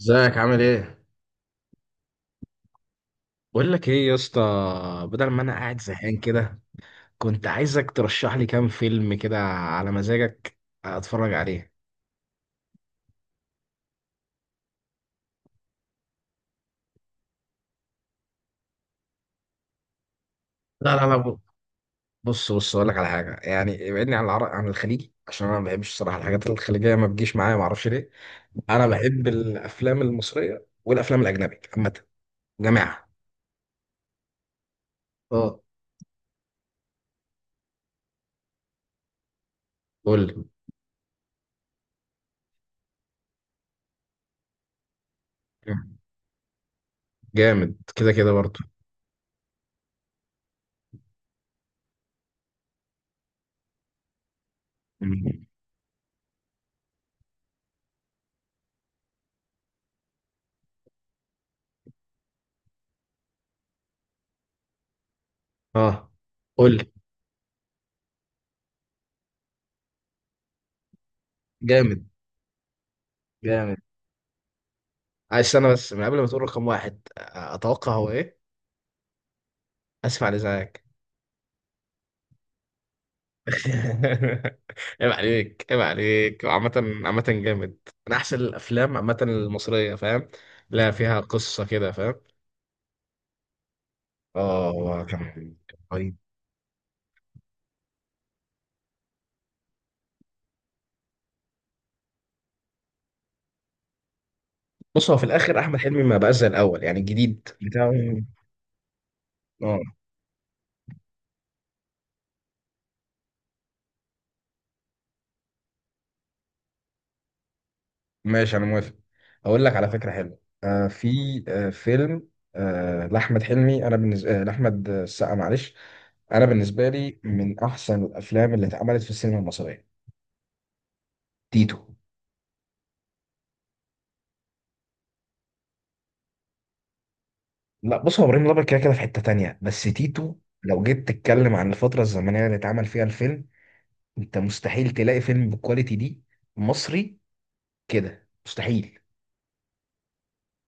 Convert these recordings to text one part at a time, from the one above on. ازيك؟ عامل ايه؟ بقول لك ايه يا اسطى، بدل ما انا قاعد زهقان كده، كنت عايزك ترشح لي كام فيلم كده على مزاجك، اتفرج عليه. لا لا لا، بص بص، اقول لك على حاجه، يعني ابعدني عن العرق، عن الخليجي، عشان انا ما بحبش الصراحه الحاجات الخليجيه ما بتجيش معايا، ما اعرفش ليه. انا بحب الافلام المصريه والافلام الاجنبي عامه جماعه. اه، قول لي. جامد كده كده برضه. مم. اه، قول لي. جامد. جامد. عايز استنى بس من قبل ما تقول رقم واحد، اتوقع هو ايه. اسف على ازعاجك. عيب عليك، عيب عليك عامة. عامة جامد، من احسن الافلام عامة المصرية، فاهم؟ لا، فيها قصة كده، فاهم. اه هو كان، كان رهيب. بص، هو في الاخر احمد حلمي ما بقاش زي الاول، يعني الجديد بتاعه. اه، ماشي انا موافق. اقول لك على فكره حلوه، في فيلم، لاحمد حلمي، انا بالنسبه لاحمد السقا، معلش، انا بالنسبه لي من احسن الافلام اللي اتعملت في السينما المصريه. تيتو. لا بص، هو ابراهيم الابيض كده كده في حته تانية، بس تيتو، لو جيت تتكلم عن الفتره الزمنيه اللي اتعمل فيها الفيلم، انت مستحيل تلاقي فيلم بالكواليتي دي مصري، كده مستحيل.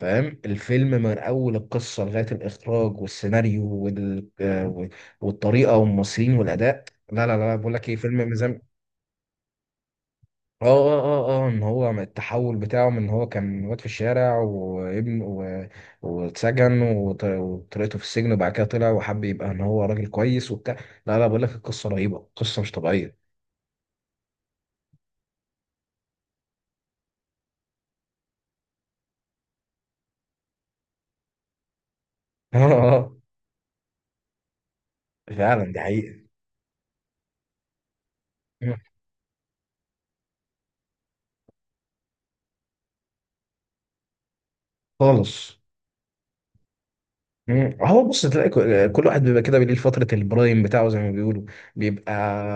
فاهم الفيلم من اول القصه لغايه الاخراج والسيناريو والطريقه والممثلين والاداء. لا لا لا، بقول لك ايه، فيلم مزام. اه اه اه اه، ان هو من التحول بتاعه، من ان هو كان واد في الشارع وابن واتسجن وطريقته في السجن، وبعد كده طلع وحب يبقى ان هو راجل كويس وبتاع. لا لا، بقول لك، القصه رهيبه، قصه مش طبيعيه. اه اه. فعلا دي حقيقه. خالص. مم. هو بص، تلاقي كل واحد بيبقى كده بيليه فترة البرايم بتاعه زي ما بيقولوا، بيبقى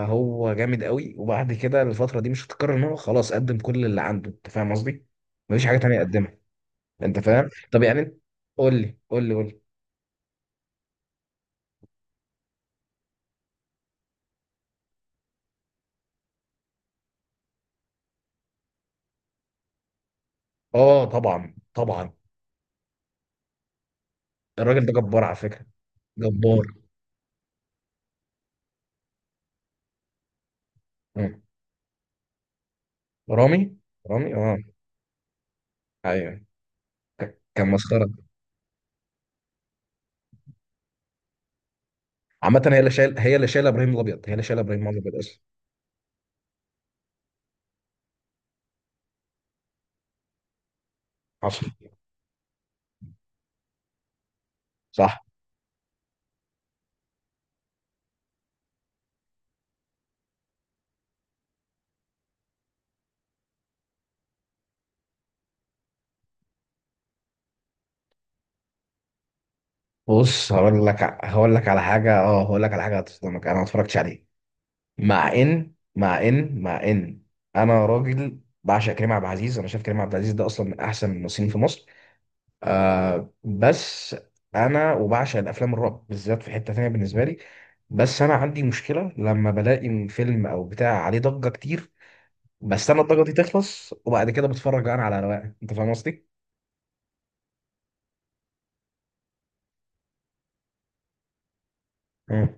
هو جامد قوي، وبعد كده الفترة دي مش هتتكرر، ان هو خلاص قدم كل اللي عنده، انت فاهم قصدي؟ مفيش حاجة تانية يقدمها، انت فاهم؟ طب يعني انت، قول لي قول لي قول لي. اه طبعا طبعا، الراجل ده جبار على فكرة، جبار. مم. رامي. رامي اه. ايوه، كان مسخرة. عامة هي اللي شايلة ابراهيم الابيض، هي اللي شايلة ابراهيم الابيض اصلا. حصل. صح. بص، هقول لك على حاجه، اه هقول لك على حاجه هتصدمك، انا ما اتفرجتش عليه. مع ان انا راجل بعشق كريم عبد العزيز، انا شايف كريم عبد العزيز ده اصلا من احسن الممثلين في مصر، بس انا وبعشق الافلام الرعب بالذات في حته تانيه بالنسبه لي. بس انا عندي مشكله، لما بلاقي فيلم او بتاع عليه ضجه كتير، بستنى الضجه دي تخلص، وبعد كده بتفرج انا على رواقه، انت فاهم قصدي؟ مم.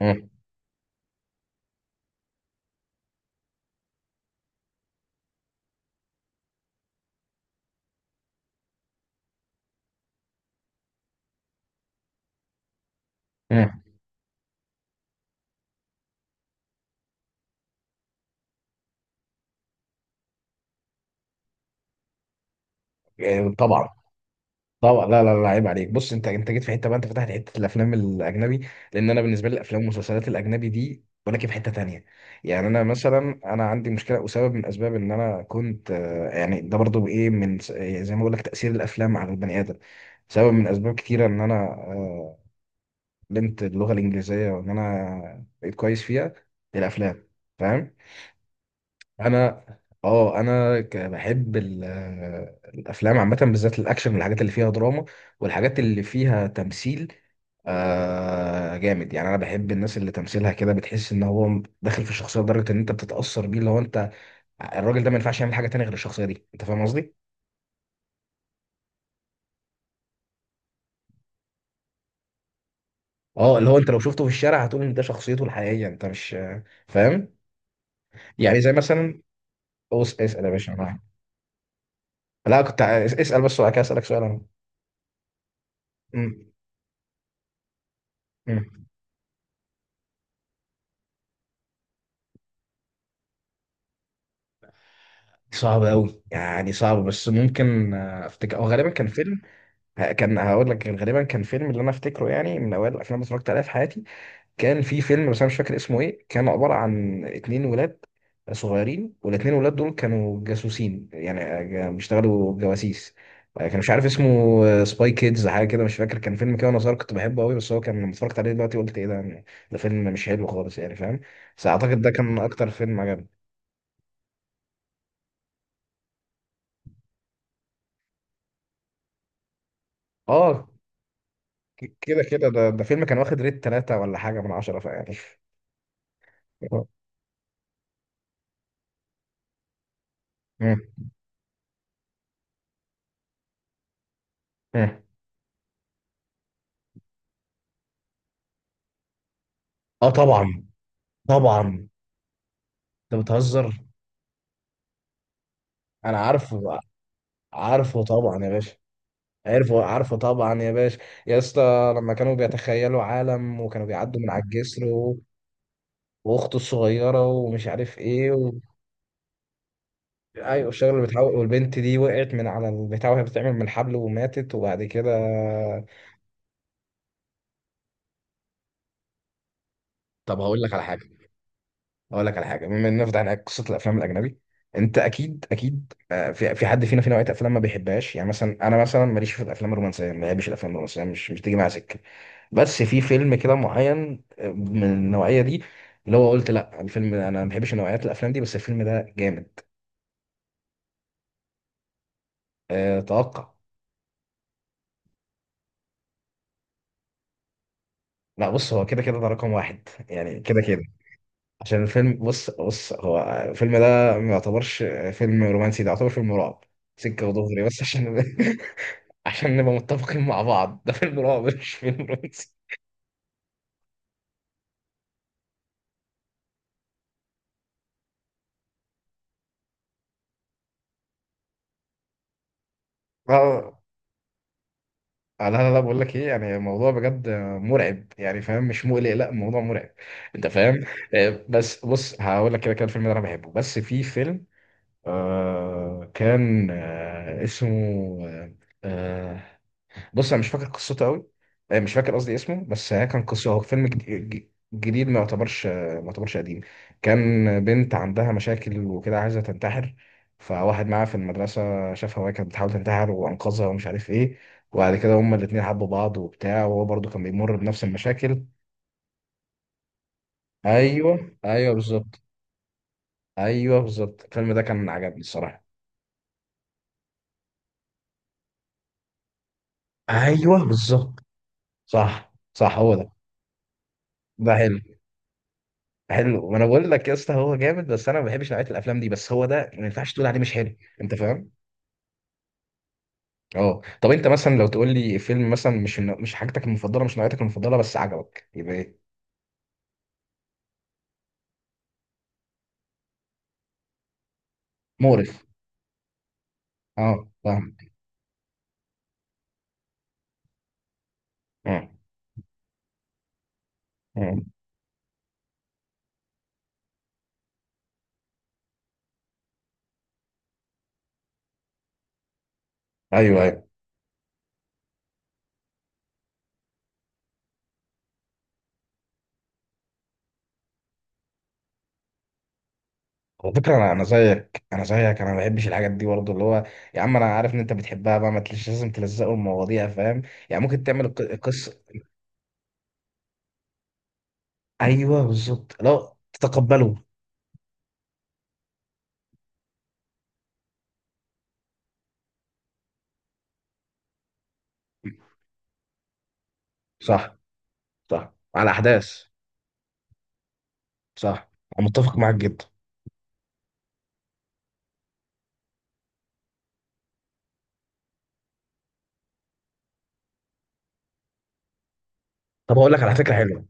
مم. مم. طبعا. طبعا لا لا لا، عيب عليك. بص، انت جيت في حته بقى، انت فتحت حته الافلام الاجنبي، لان انا بالنسبه لي الافلام والمسلسلات الاجنبي دي، ولكن في حته تانية. يعني انا مثلا، انا عندي مشكله وسبب من اسباب ان انا كنت يعني ده برضو ايه يعني زي ما بقول لك، تاثير الافلام على البني ادم، سبب من اسباب كتيره ان انا علمت اللغه الانجليزيه، وان انا بقيت كويس فيها. الافلام، فاهم. انا، اه انا الافلام عامه، بالذات الاكشن والحاجات اللي فيها دراما، والحاجات اللي فيها تمثيل جامد. يعني انا بحب الناس اللي تمثيلها كده بتحس ان هو داخل في الشخصيه لدرجه ان انت بتتاثر بيه، لو انت الراجل ده ما ينفعش يعمل حاجه تانية غير الشخصيه دي، انت فاهم قصدي. اه اللي هو انت لو شفته في الشارع هتقول ان ده شخصيته الحقيقيه، انت مش فاهم؟ يعني زي مثلا، اسال يا باشا، لا كنت اسال بس، وبعد كده اسالك سؤال. انا م- م. صعبة أوي، يعني صعبة، بس ممكن أفتكر، أو غالبا كان فيلم، كان هقول لك غالبا كان فيلم، اللي أنا أفتكره يعني من أوائل الأفلام اللي اتفرجت عليها في حياتي، كان في فيلم، بس أنا مش فاكر اسمه إيه، كان عبارة عن اتنين ولاد صغيرين، والاتنين ولاد دول كانوا جاسوسين يعني، بيشتغلوا جواسيس، كان مش عارف اسمه، سباي كيدز حاجة كده مش فاكر، كان فيلم كده وأنا صغير كنت بحبه أوي، بس هو كان لما اتفرجت عليه دلوقتي قلت إيه ده يعني، ده فيلم مش حلو خالص، يعني فاهم، بس أعتقد ده كان أكتر فيلم عجبني. اه كده كده، ده فيلم كان واخد ريت 3 ولا حاجة من 10، فيعني. مم. مم. اه طبعا طبعا. انت بتهزر، انا عارفه، عارفه طبعا يا باشا. عارفه عارفه طبعا يا باشا. يا اسطى لما كانوا بيتخيلوا عالم، وكانوا بيعدوا من على الجسر واخته الصغيرة، ومش عارف ايه ايوه الشغل اللي بتحاول، والبنت دي وقعت من على البتاع وهي بتعمل من الحبل وماتت، وبعد كده، طب هقول لك على حاجة. اقول لك على حاجه، بما اننا فتحنا قصه الافلام الاجنبي، انت اكيد اكيد في حد فينا في نوعيه افلام ما بيحبهاش، يعني مثلا انا، مثلا ماليش في الافلام الرومانسيه، ما بحبش الافلام الرومانسيه، مش بتيجي معايا سكه، بس في فيلم كده معين من النوعيه دي، اللي هو قلت لا، الفيلم ده انا ما بحبش نوعيات الافلام دي، بس الفيلم ده جامد. أه توقع. لا بص، هو كده كده ده رقم واحد، يعني كده كده عشان الفيلم، بص بص، هو الفيلم ده ما يعتبرش فيلم رومانسي، ده يعتبر فيلم رعب، سكه ودغري، بس عشان عشان نبقى متفقين مع بعض، ده فيلم رعب مش فيلم رومانسي. اه لا لا لا، بقول لك ايه، يعني الموضوع بجد مرعب، يعني فاهم، مش مقلق، لا الموضوع مرعب، انت فاهم. بس بص، هقول لك، كده كده الفيلم ده انا بحبه، بس في فيلم كان اسمه، آه، آه، بص انا مش فاكر قصته قوي، مش فاكر قصدي اسمه، بس هي كان قصه، هو فيلم جديد، ما يعتبرش ما يعتبرش قديم، كان بنت عندها مشاكل وكده عايزه تنتحر، فواحد معاها في المدرسه شافها وهي كانت بتحاول تنتحر، وانقذها ومش عارف ايه، وبعد كده هما الاتنين حبوا بعض وبتاع، وهو برضو كان بيمر بنفس المشاكل. ايوه ايوه بالظبط. ايوه بالظبط، الفيلم ده كان عجبني الصراحه. ايوه بالظبط، صح صح هو ده. ده حلو. حلو، ما انا بقول لك يا اسطى هو جامد، بس انا ما بحبش نوعيه الافلام دي، بس هو ده ما ينفعش تقول عليه مش حلو، انت فاهم. اه طب انت مثلا، لو تقول لي فيلم مثلا مش مش حاجتك المفضله، مش نوعيتك المفضله، بس عجبك، يبقى ايه؟ مقرف. اه فاهم. مم. مم. ايوه ايوه. على فكره انا، زيك، انا زيك، انا ما بحبش الحاجات دي برضه اللي هو، يا عم انا عارف ان انت بتحبها، بقى ما تلش لازم تلزقوا المواضيع، فاهم، يعني ممكن تعمل القصه. ايوه بالظبط، لا تتقبله. صح صح على احداث. صح. انا متفق معاك جدا. طب هقول لك على فكره حلوه.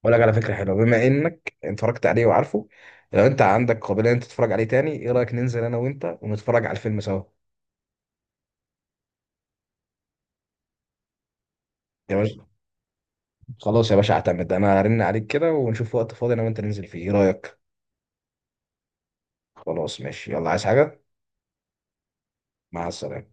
هقول لك على فكره حلوه، بما انك اتفرجت عليه وعارفه، لو انت عندك قابليه انت تتفرج عليه تاني، ايه رايك ننزل انا وانت ونتفرج على الفيلم سوا؟ يا باشا، خلاص يا باشا اعتمد، انا هرن عليك كده ونشوف وقت فاضي انا وانت ننزل فيه، ايه رايك؟ خلاص ماشي، يلا، عايز حاجه؟ مع السلامه.